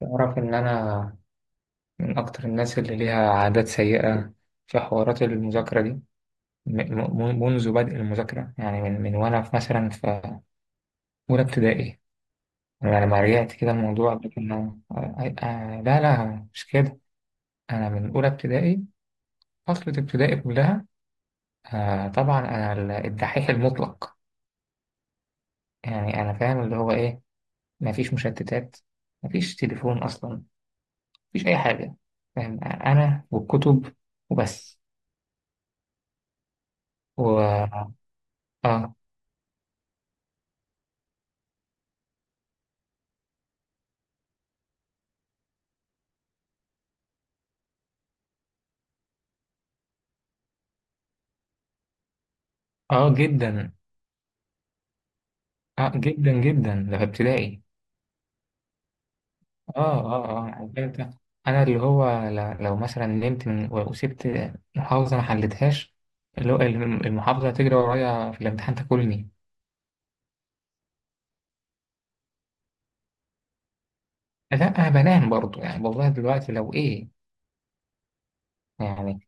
تعرف إن أنا من أكتر الناس اللي ليها عادات سيئة في حوارات المذاكرة دي، منذ بدء المذاكرة، يعني من وأنا في، مثلا، في أولى ابتدائي. أنا لما رجعت كده الموضوع ده كان، لا لا مش كده. أنا من أولى ابتدائي، فترة ابتدائي كلها. طبعا أنا الدحيح المطلق، يعني أنا فاهم اللي هو إيه. مفيش مشتتات، مفيش تليفون أصلا، مفيش أي حاجة. فاهم؟ أنا والكتب وبس و... آه. اه، جدا. اه، جدا جدا، ده في ابتدائي. اه اه اه، عارف انت. انا اللي هو لو مثلا نمت من وسبت محافظه ما حلتهاش، اللي هو المحافظه تجري ورايا في الامتحان تاكلني. لا، انا بنام برضو يعني. والله دلوقتي لو ايه. يعني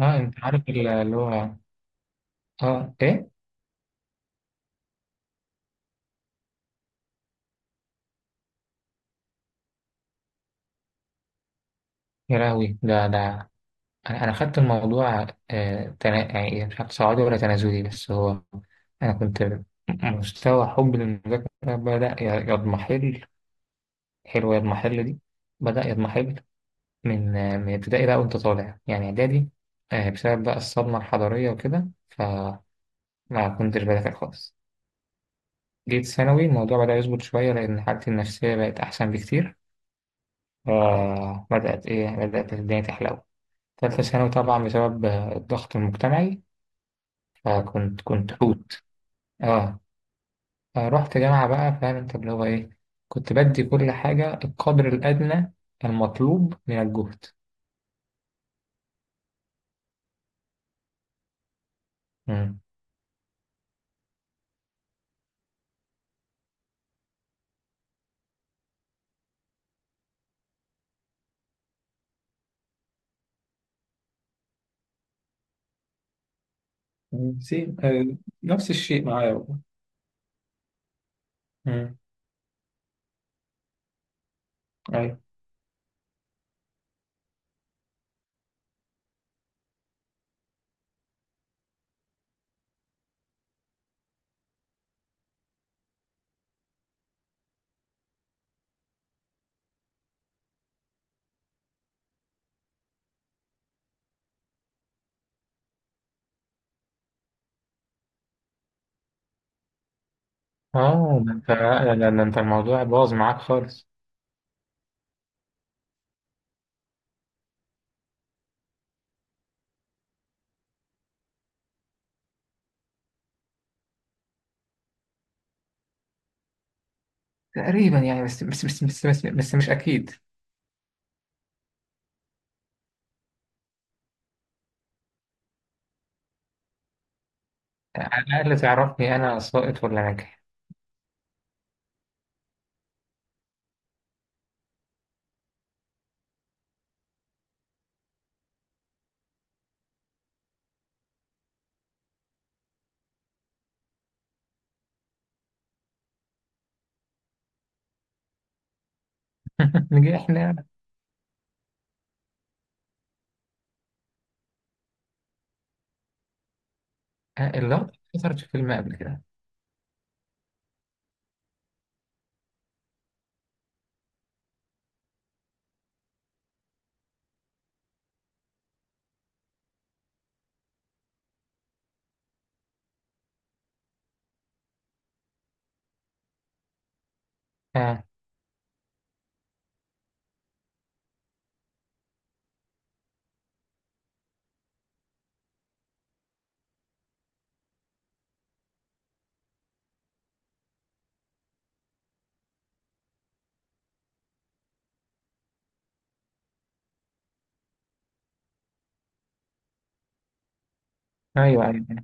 اه، انت عارف اللي هو، اه ايه. يا لهوي، ده. انا خدت الموضوع، يعني مش عارف صعودي ولا تنازلي، بس هو، انا كنت مستوى حبي للمذاكرة بدأ يضمحل. حلوة المحل دي. بدأ يضمحل لك من ابتدائي بقى، وأنت طالع يعني إعدادي، بسبب بقى الصدمة الحضارية وكده، فما كنتش بذاكر خالص. جيت ثانوي، الموضوع بدأ يظبط شوية، لأن حالتي النفسية بقت أحسن بكتير، فبدأت إيه بدأت الدنيا تحلو. تالتة ثانوي، طبعا بسبب الضغط المجتمعي، فكنت حوت. آه. رحت جامعة بقى، فاهم أنت اللي هو إيه، كنت بدي كل حاجة القدر الأدنى المطلوب من الجهد. مم. زين. نفس الشيء معايا والله. امم. ايوه. اه، ده انت، لا لا لا، انت الموضوع باظ معاك خالص. تقريبا يعني، بس مش اكيد. على الاقل تعرفني انا ساقط ولا ناجح. نجح احنا. اللقطه اتكسرت في فيلم قبل كده. اه، ايوه ايوه.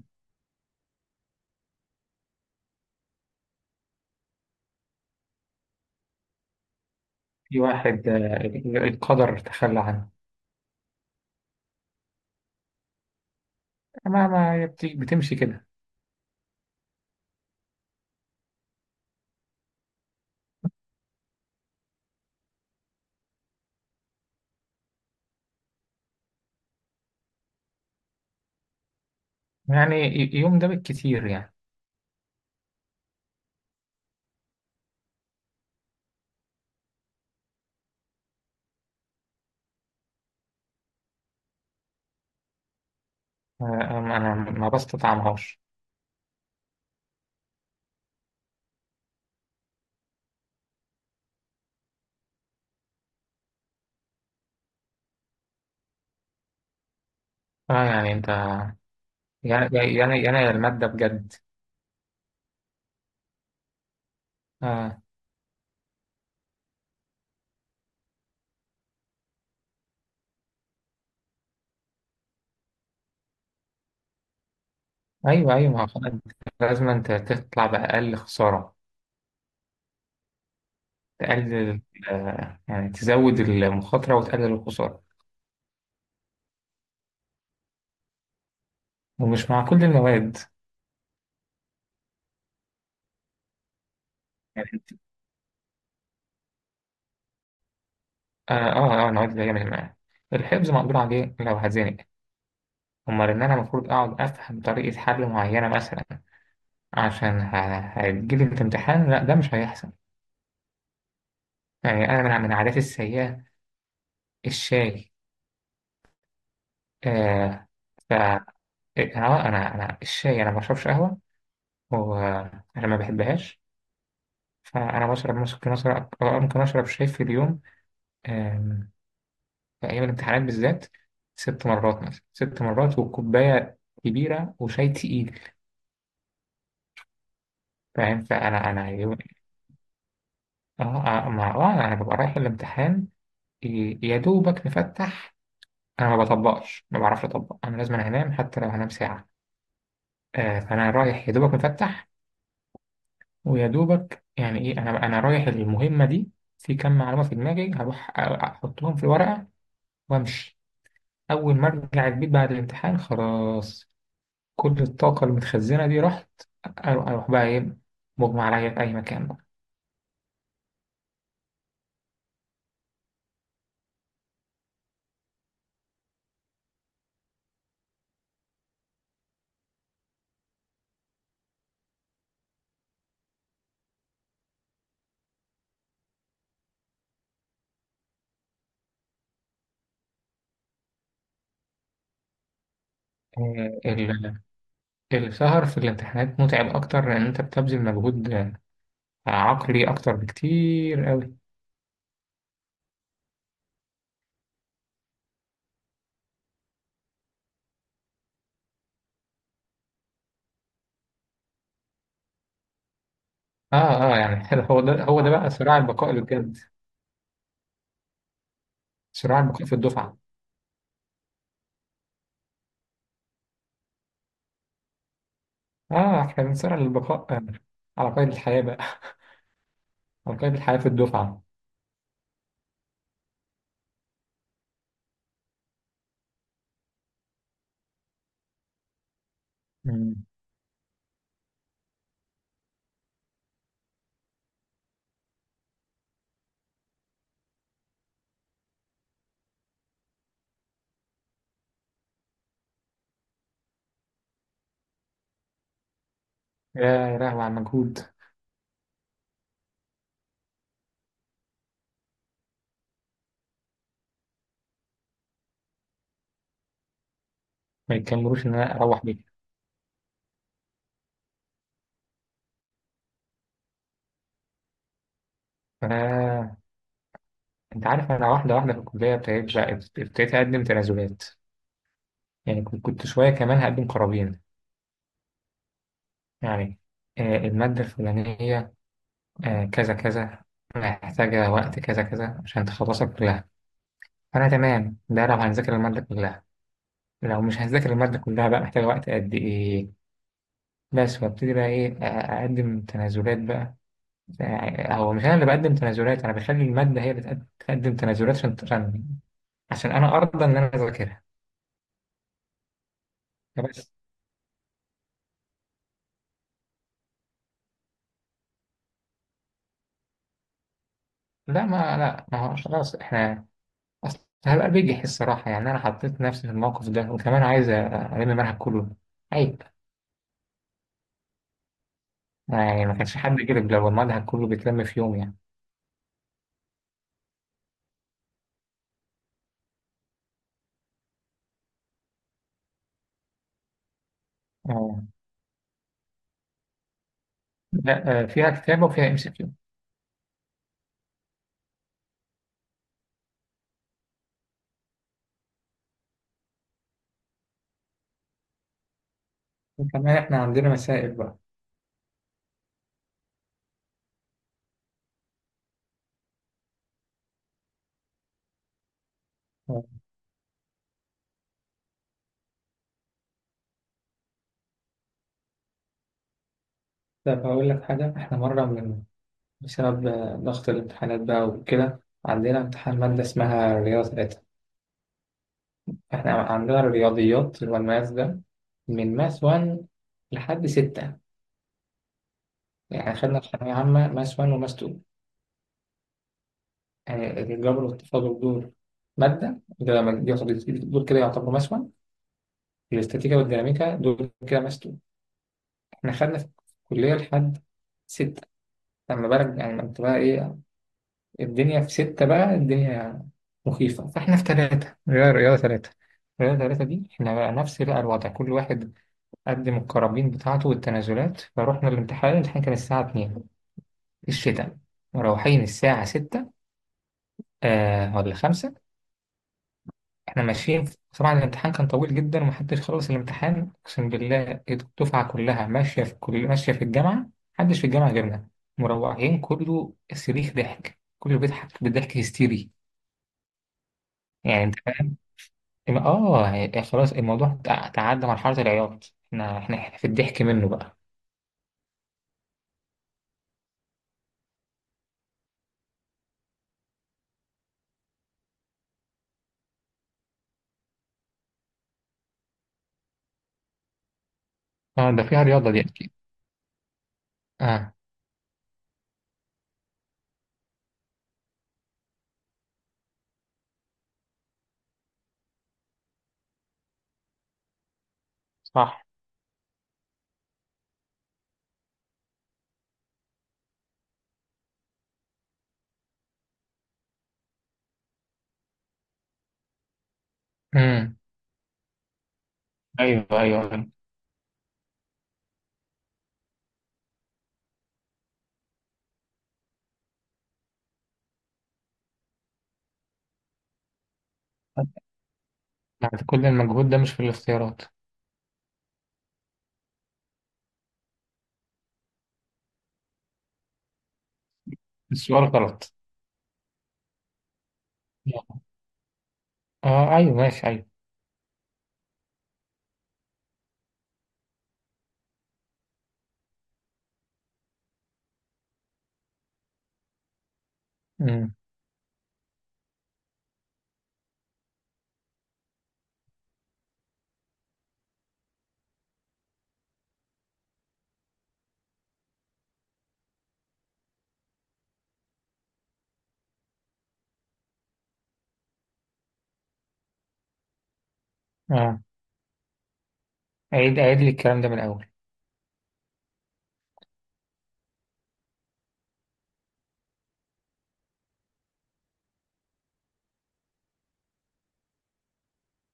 في واحد، القدر تخلى عنه. ما هي بتمشي كده. يعني يوم ده بالكتير يعني. انا ما بستطعمهاش. اه يعني انت، يعني الماده بجد. اه، ايوه ايوه، ما هو خلاص انت، لازم انت تطلع باقل خساره، تقلل، يعني تزود المخاطره وتقلل الخساره. ومش مع كل المواد. يعني انت، اه اه، المواد اللي هي مش معايا، الحفظ مقدور عليه لو هتزنق. امال ان انا المفروض اقعد افهم طريقه حل معينه مثلا، عشان هتجيلي في امتحان. لا ده مش هيحصل. يعني انا من عاداتي السيئه الشاي. آه. ف آه، انا انا الشاي، انا ما بشربش قهوه، ولما بحبهاش. فأنا بشرب ممكن أشرب آه، ممكن أشرب شاي في اليوم. آم، في أيام الامتحانات بالذات، 6 مرات مثلا، 6 مرات، وكوباية كبيرة وشاي تقيل. فاهم. فأنا يوم، آه ما أنا ببقى رايح الامتحان، يا دوبك مفتح. أنا ما بطبقش، ما بعرفش أطبق. أنا لازم أنام، حتى لو هنام ساعة. فأنا رايح يا دوبك مفتح، ويا دوبك يعني إيه. أنا رايح المهمة دي في كم معلومة في دماغي، هروح أحطهم في الورقة وأمشي. أول ما أرجع البيت بعد الامتحان، خلاص، كل الطاقة المتخزنة دي رحت. أروح بقى إيه، مغمى عليا في أي مكان بقى. آه، ال- السهر في الامتحانات متعب أكتر، لأن أنت بتبذل مجهود عقلي أكتر بكتير أوي. يعني، هو ده هو ده بقى صراع البقاء اللي بجد. صراع البقاء في الدفعة. إحنا بنصارع للبقاء، على قيد الحياة بقى. على قيد الحياة في الدفعة. مم. يا لهوي على المجهود. ما يتكملوش إن أنا أروح بيه. انت عارف، انا واحده واحده في الكليه، ابتديت اقدم تنازلات، يعني كنت شويه كمان هقدم قرابين. يعني الماده الفلانيه، كذا كذا، محتاجه وقت كذا كذا عشان تخلصها كلها. فانا تمام، ده لو هنذاكر الماده كلها. لو مش هنذاكر الماده كلها بقى، محتاجه وقت قد ايه، بس. وابتدي بقى ايه، اقدم تنازلات بقى. هو مش انا اللي بقدم تنازلات، انا بخلي الماده هي اللي تقدم تنازلات، عشان عشان انا ارضى ان انا اذاكرها. بس. لا ما هو خلاص احنا. اصل هبقى بجح الصراحه يعني، انا حطيت نفسي في الموقف ده، وكمان عايز المنهج كله. عيب. يعني ما كانش حد كده لو المنهج كله بيتلم في يوم يعني. اه، لا، فيها كتابه وفيها ام سي كيو، وكمان احنا عندنا مسائل بقى. آه. طب هقول لك حاجه، احنا مره بسبب ضغط الامتحانات بقى وكده، عندنا امتحان ماده اسمها رياضه 3. احنا عندنا الرياضيات اللي هو الماس ده، من ماس 1 لحد 6. يعني خدنا في ثانوية عامة ماس 1 وماس 2، يعني الجبر والتفاضل، دول مادة ده ما- دي يعتبر- دول كده يعتبروا ماس 1، الاستاتيكا والديناميكا دول كده ماس 2. احنا خدنا في الكلية لحد 6. لما بقى يعني، لما بقى ايه الدنيا في ستة بقى، الدنيا مخيفة. فاحنا في 3، غير رياضة 3. رياضة ثلاثة دي، احنا بقى نفس بقى الوضع، كل واحد قدم الكرابين بتاعته والتنازلات. فروحنا الامتحان كان الساعة 2 الشتاء، مروحين الساعة 6، ولا 5. احنا ماشيين طبعا الامتحان كان طويل جدا، ومحدش خلص الامتحان، اقسم بالله الدفعه كلها ماشيه في الجامعه. محدش في الجامعه غيرنا. مروحين، كله صريخ، ضحك، كله بيضحك، بضحك هستيري. يعني انت فاهم. يعني خلاص الموضوع تعدى مرحله العياط، احنا في الضحك منه بقى. اه، ده فيها رياضه دي اكيد. اه صح. امم. ايوه ايوه أيوة. بعد كل المجهود ده مش في الاختيارات. السؤال غلط. اه ايوه ماشي ايوه. امم. اه، عيد عيد لي الكلام ده من الأول.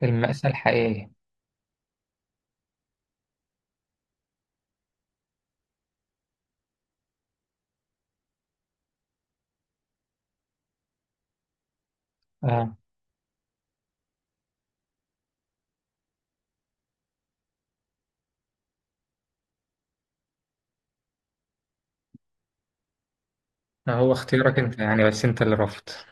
المأساة الحقيقية. اه، هو اختيارك انت يعني، بس انت اللي رفضت.